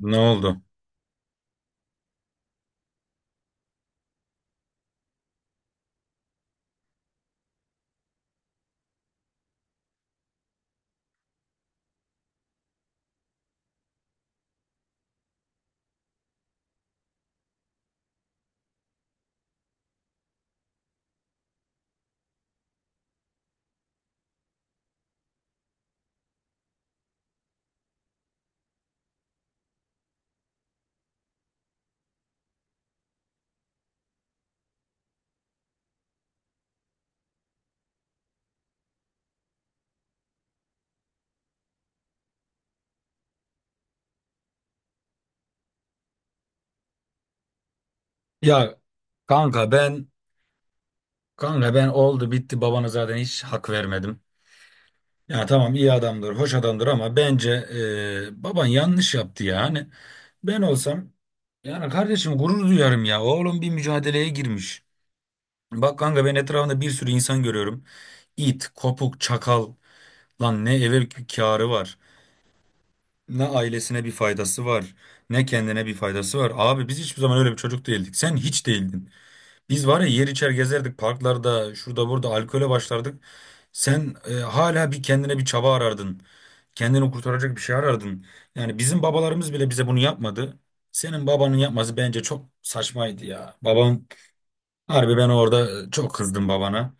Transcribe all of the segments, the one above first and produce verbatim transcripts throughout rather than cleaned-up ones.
Ne oldu? Ya kanka ben kanka ben oldu bitti babana zaten hiç hak vermedim. Ya tamam iyi adamdır, hoş adamdır ama bence e, baban yanlış yaptı ya. Hani ben olsam yani kardeşim gurur duyarım ya. Oğlum bir mücadeleye girmiş. Bak kanka ben etrafında bir sürü insan görüyorum. İt, kopuk, çakal. Lan ne eve k- kârı var. Ne ailesine bir faydası var. Ne kendine bir faydası var. Abi biz hiçbir zaman öyle bir çocuk değildik. Sen hiç değildin. Biz var ya yer içer gezerdik parklarda şurada burada alkole başlardık. Sen e, hala bir kendine bir çaba arardın. Kendini kurtaracak bir şey arardın. Yani bizim babalarımız bile bize bunu yapmadı. Senin babanın yapması bence çok saçmaydı ya. Babam harbi ben orada e, çok kızdım babana.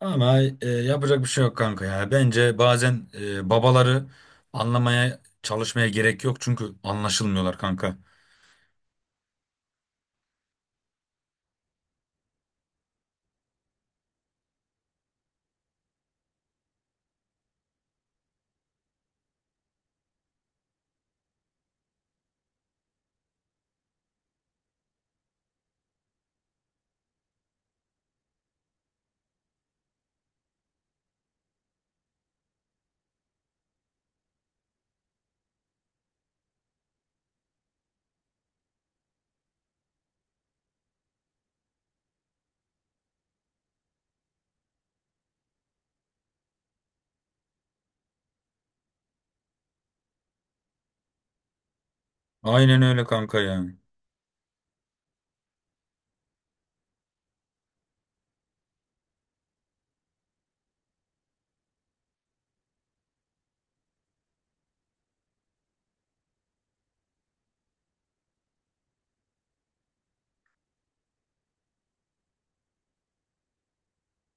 Ama e, yapacak bir şey yok kanka ya. Bence bazen e, babaları anlamaya çalışmaya gerek yok çünkü anlaşılmıyorlar kanka. Aynen öyle kanka ya.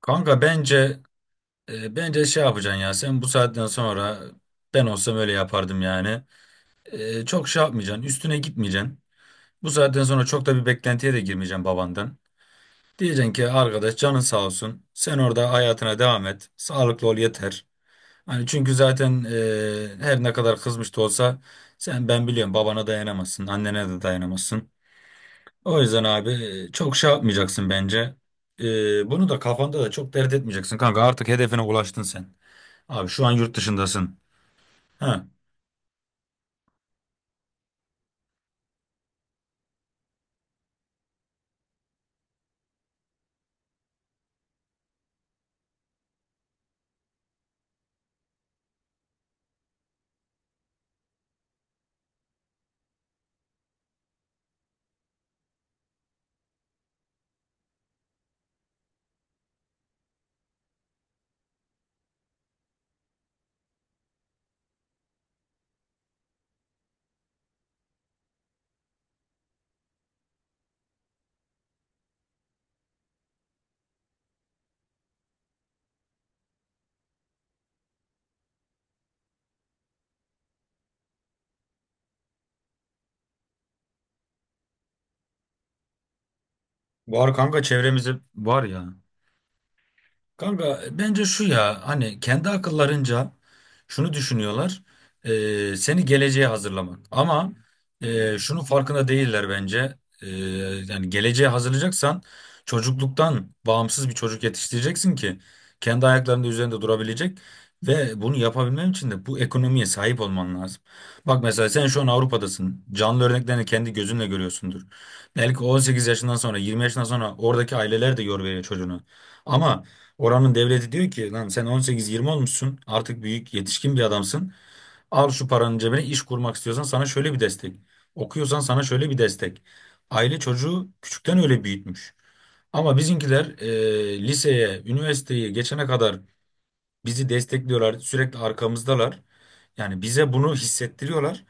Kanka bence E, bence şey yapacaksın ya sen bu saatten sonra ben olsam öyle yapardım yani. E, çok şey yapmayacaksın üstüne gitmeyeceksin. Bu saatten sonra çok da bir beklentiye de girmeyeceksin babandan. Diyeceksin ki arkadaş canın sağ olsun sen orada hayatına devam et sağlıklı ol yeter. Hani çünkü zaten e, her ne kadar kızmış da olsa sen ben biliyorum babana dayanamazsın annene de dayanamazsın. O yüzden abi e, çok şey yapmayacaksın bence. E, bunu da kafanda da çok dert etmeyeceksin kanka artık hedefine ulaştın sen. Abi şu an yurt dışındasın. He. Var kanka çevremizi var ya. Kanka bence şu ya hani kendi akıllarınca şunu düşünüyorlar e, seni geleceğe hazırlamak ama e, şunun farkında değiller bence E, yani geleceğe hazırlayacaksan çocukluktan bağımsız bir çocuk yetiştireceksin ki kendi ayaklarının üzerinde durabilecek ve bunu yapabilmen için de bu ekonomiye sahip olman lazım. Bak mesela sen şu an Avrupa'dasın canlı örneklerini kendi gözünle görüyorsundur belki on sekiz yaşından sonra yirmi yaşından sonra oradaki aileler de yor veriyor çocuğuna ama oranın devleti diyor ki lan sen on sekiz yirmi olmuşsun artık büyük yetişkin bir adamsın. Al şu paranın cebine iş kurmak istiyorsan sana şöyle bir destek. Okuyorsan sana şöyle bir destek. Aile çocuğu küçükten öyle büyütmüş. Ama bizimkiler e, liseye, üniversiteye geçene kadar bizi destekliyorlar, sürekli arkamızdalar. Yani bize bunu hissettiriyorlar.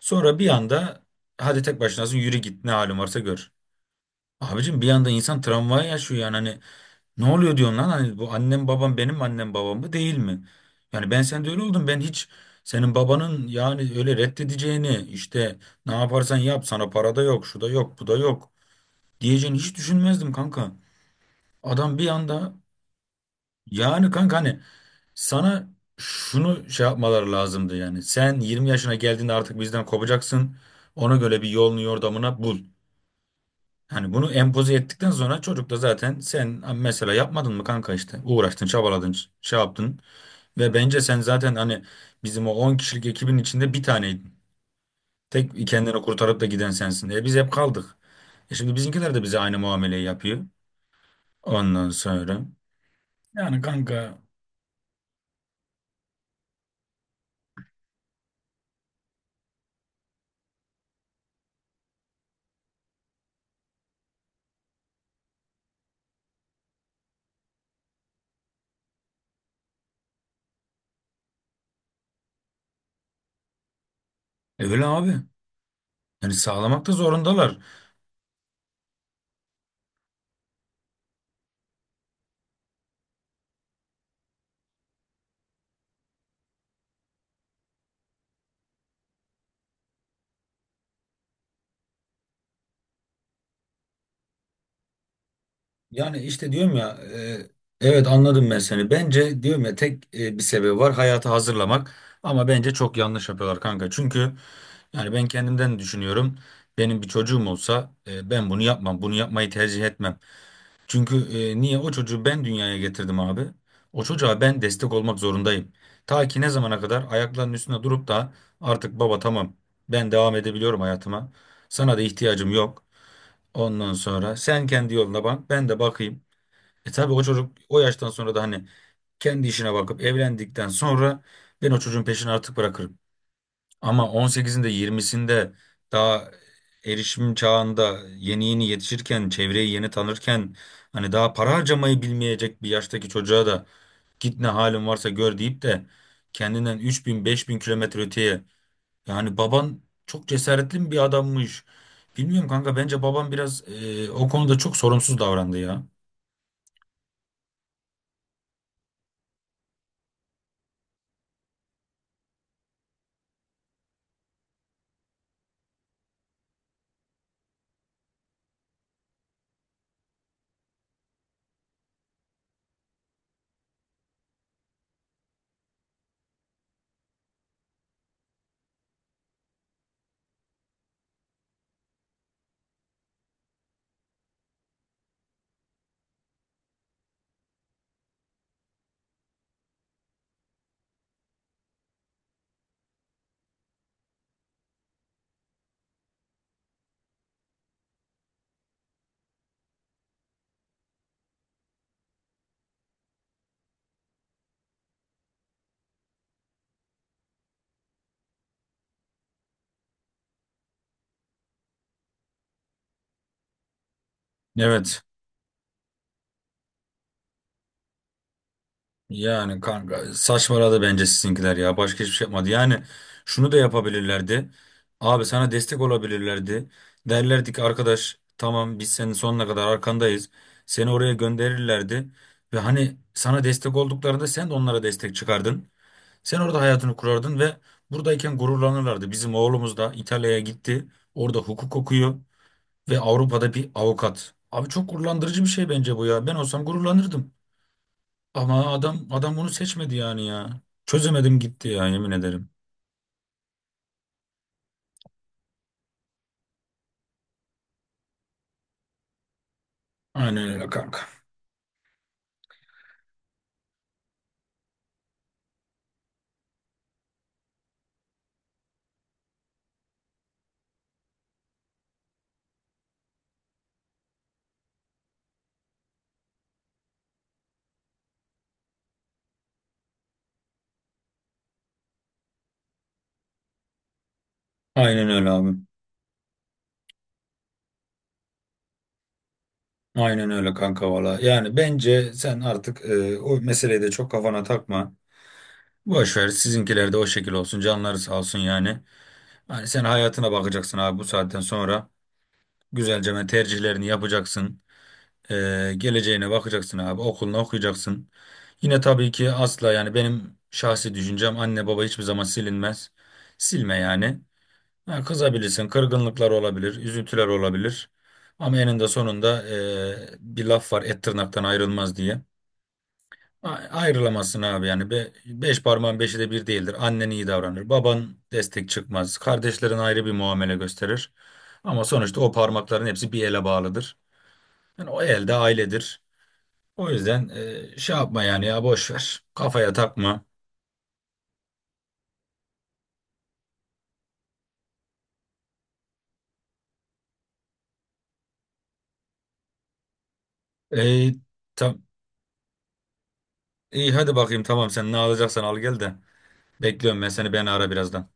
Sonra bir anda hadi tek başınasın yürü git ne halin varsa gör. Abicim bir anda insan travmayı yaşıyor yani hani ne oluyor diyorsun lan? Hani bu annem babam benim annem babam mı değil mi? Yani ben sende öyle oldum. Ben hiç senin babanın yani öyle reddedeceğini işte ne yaparsan yap sana para da yok, şu da yok, bu da yok diyeceğini hiç düşünmezdim kanka. Adam bir anda yani kanka hani sana şunu şey yapmaları lazımdı yani. Sen yirmi yaşına geldiğinde artık bizden kopacaksın. Ona göre bir yolunu yordamına bul. Hani bunu empoze ettikten sonra çocuk da zaten sen mesela yapmadın mı kanka işte uğraştın çabaladın şey yaptın. Ve bence sen zaten hani bizim o on kişilik ekibin içinde bir taneydin. Tek kendini kurtarıp da giden sensin. E biz hep kaldık. E şimdi bizimkiler de bize aynı muameleyi yapıyor. Ondan sonra. Yani kanka öyle abi. Yani sağlamak da zorundalar. Yani işte diyorum ya e, evet anladım ben seni. Bence diyorum ya tek e, bir sebebi var hayatı hazırlamak. Ama bence çok yanlış yapıyorlar kanka. Çünkü yani ben kendimden düşünüyorum. Benim bir çocuğum olsa e, ben bunu yapmam. Bunu yapmayı tercih etmem. Çünkü e, niye o çocuğu ben dünyaya getirdim abi. O çocuğa ben destek olmak zorundayım. Ta ki ne zamana kadar ayaklarının üstünde durup da artık baba tamam ben devam edebiliyorum hayatıma. Sana da ihtiyacım yok. Ondan sonra sen kendi yoluna bak ben de bakayım. E tabii o çocuk o yaştan sonra da hani kendi işine bakıp evlendikten sonra ben o çocuğun peşini artık bırakırım. Ama on sekizinde yirmisinde daha erişim çağında yeni yeni yetişirken, çevreyi yeni tanırken hani daha para harcamayı bilmeyecek bir yaştaki çocuğa da git ne halin varsa gör deyip de kendinden üç bin beş bin kilometre öteye yani baban çok cesaretli bir adammış. Bilmiyorum kanka bence baban biraz e, o konuda çok sorumsuz davrandı ya. Evet. Yani kanka saçmaladı bence sizinkiler ya. Başka hiçbir şey yapmadı. Yani şunu da yapabilirlerdi. Abi sana destek olabilirlerdi. Derlerdi ki arkadaş tamam biz senin sonuna kadar arkandayız. Seni oraya gönderirlerdi. Ve hani sana destek olduklarında sen de onlara destek çıkardın. Sen orada hayatını kurardın ve buradayken gururlanırlardı. Bizim oğlumuz da İtalya'ya gitti. Orada hukuk okuyor ve Avrupa'da bir avukat. Abi çok gururlandırıcı bir şey bence bu ya. Ben olsam gururlanırdım. Ama adam adam bunu seçmedi yani ya. Çözemedim gitti ya yemin ederim. Aynen öyle kanka. Aynen öyle abim. Aynen öyle kanka valla. Yani bence sen artık e, o meseleyi de çok kafana takma. Boş ver sizinkiler de o şekil olsun. Canları sağ olsun yani. Hani sen hayatına bakacaksın abi bu saatten sonra. Güzelce ben tercihlerini yapacaksın. E, geleceğine bakacaksın abi. Okulunu okuyacaksın. Yine tabii ki asla yani benim şahsi düşüncem anne baba hiçbir zaman silinmez. Silme yani. Ha, kızabilirsin, kırgınlıklar olabilir, üzüntüler olabilir. Ama eninde sonunda eee, bir laf var, et tırnaktan ayrılmaz diye. A- ayrılamazsın abi yani. Be- beş parmağın beşi de bir değildir. Annen iyi davranır, baban destek çıkmaz, kardeşlerin ayrı bir muamele gösterir. Ama sonuçta o parmakların hepsi bir ele bağlıdır. Yani o el de ailedir. O yüzden eee, şey yapma yani ya boş ver. Kafaya takma. Ey, tam, iyi hadi bakayım tamam sen ne alacaksan al gel de. Bekliyorum ben seni beni ara birazdan.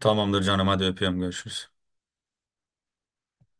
Tamamdır canım hadi öpüyorum görüşürüz.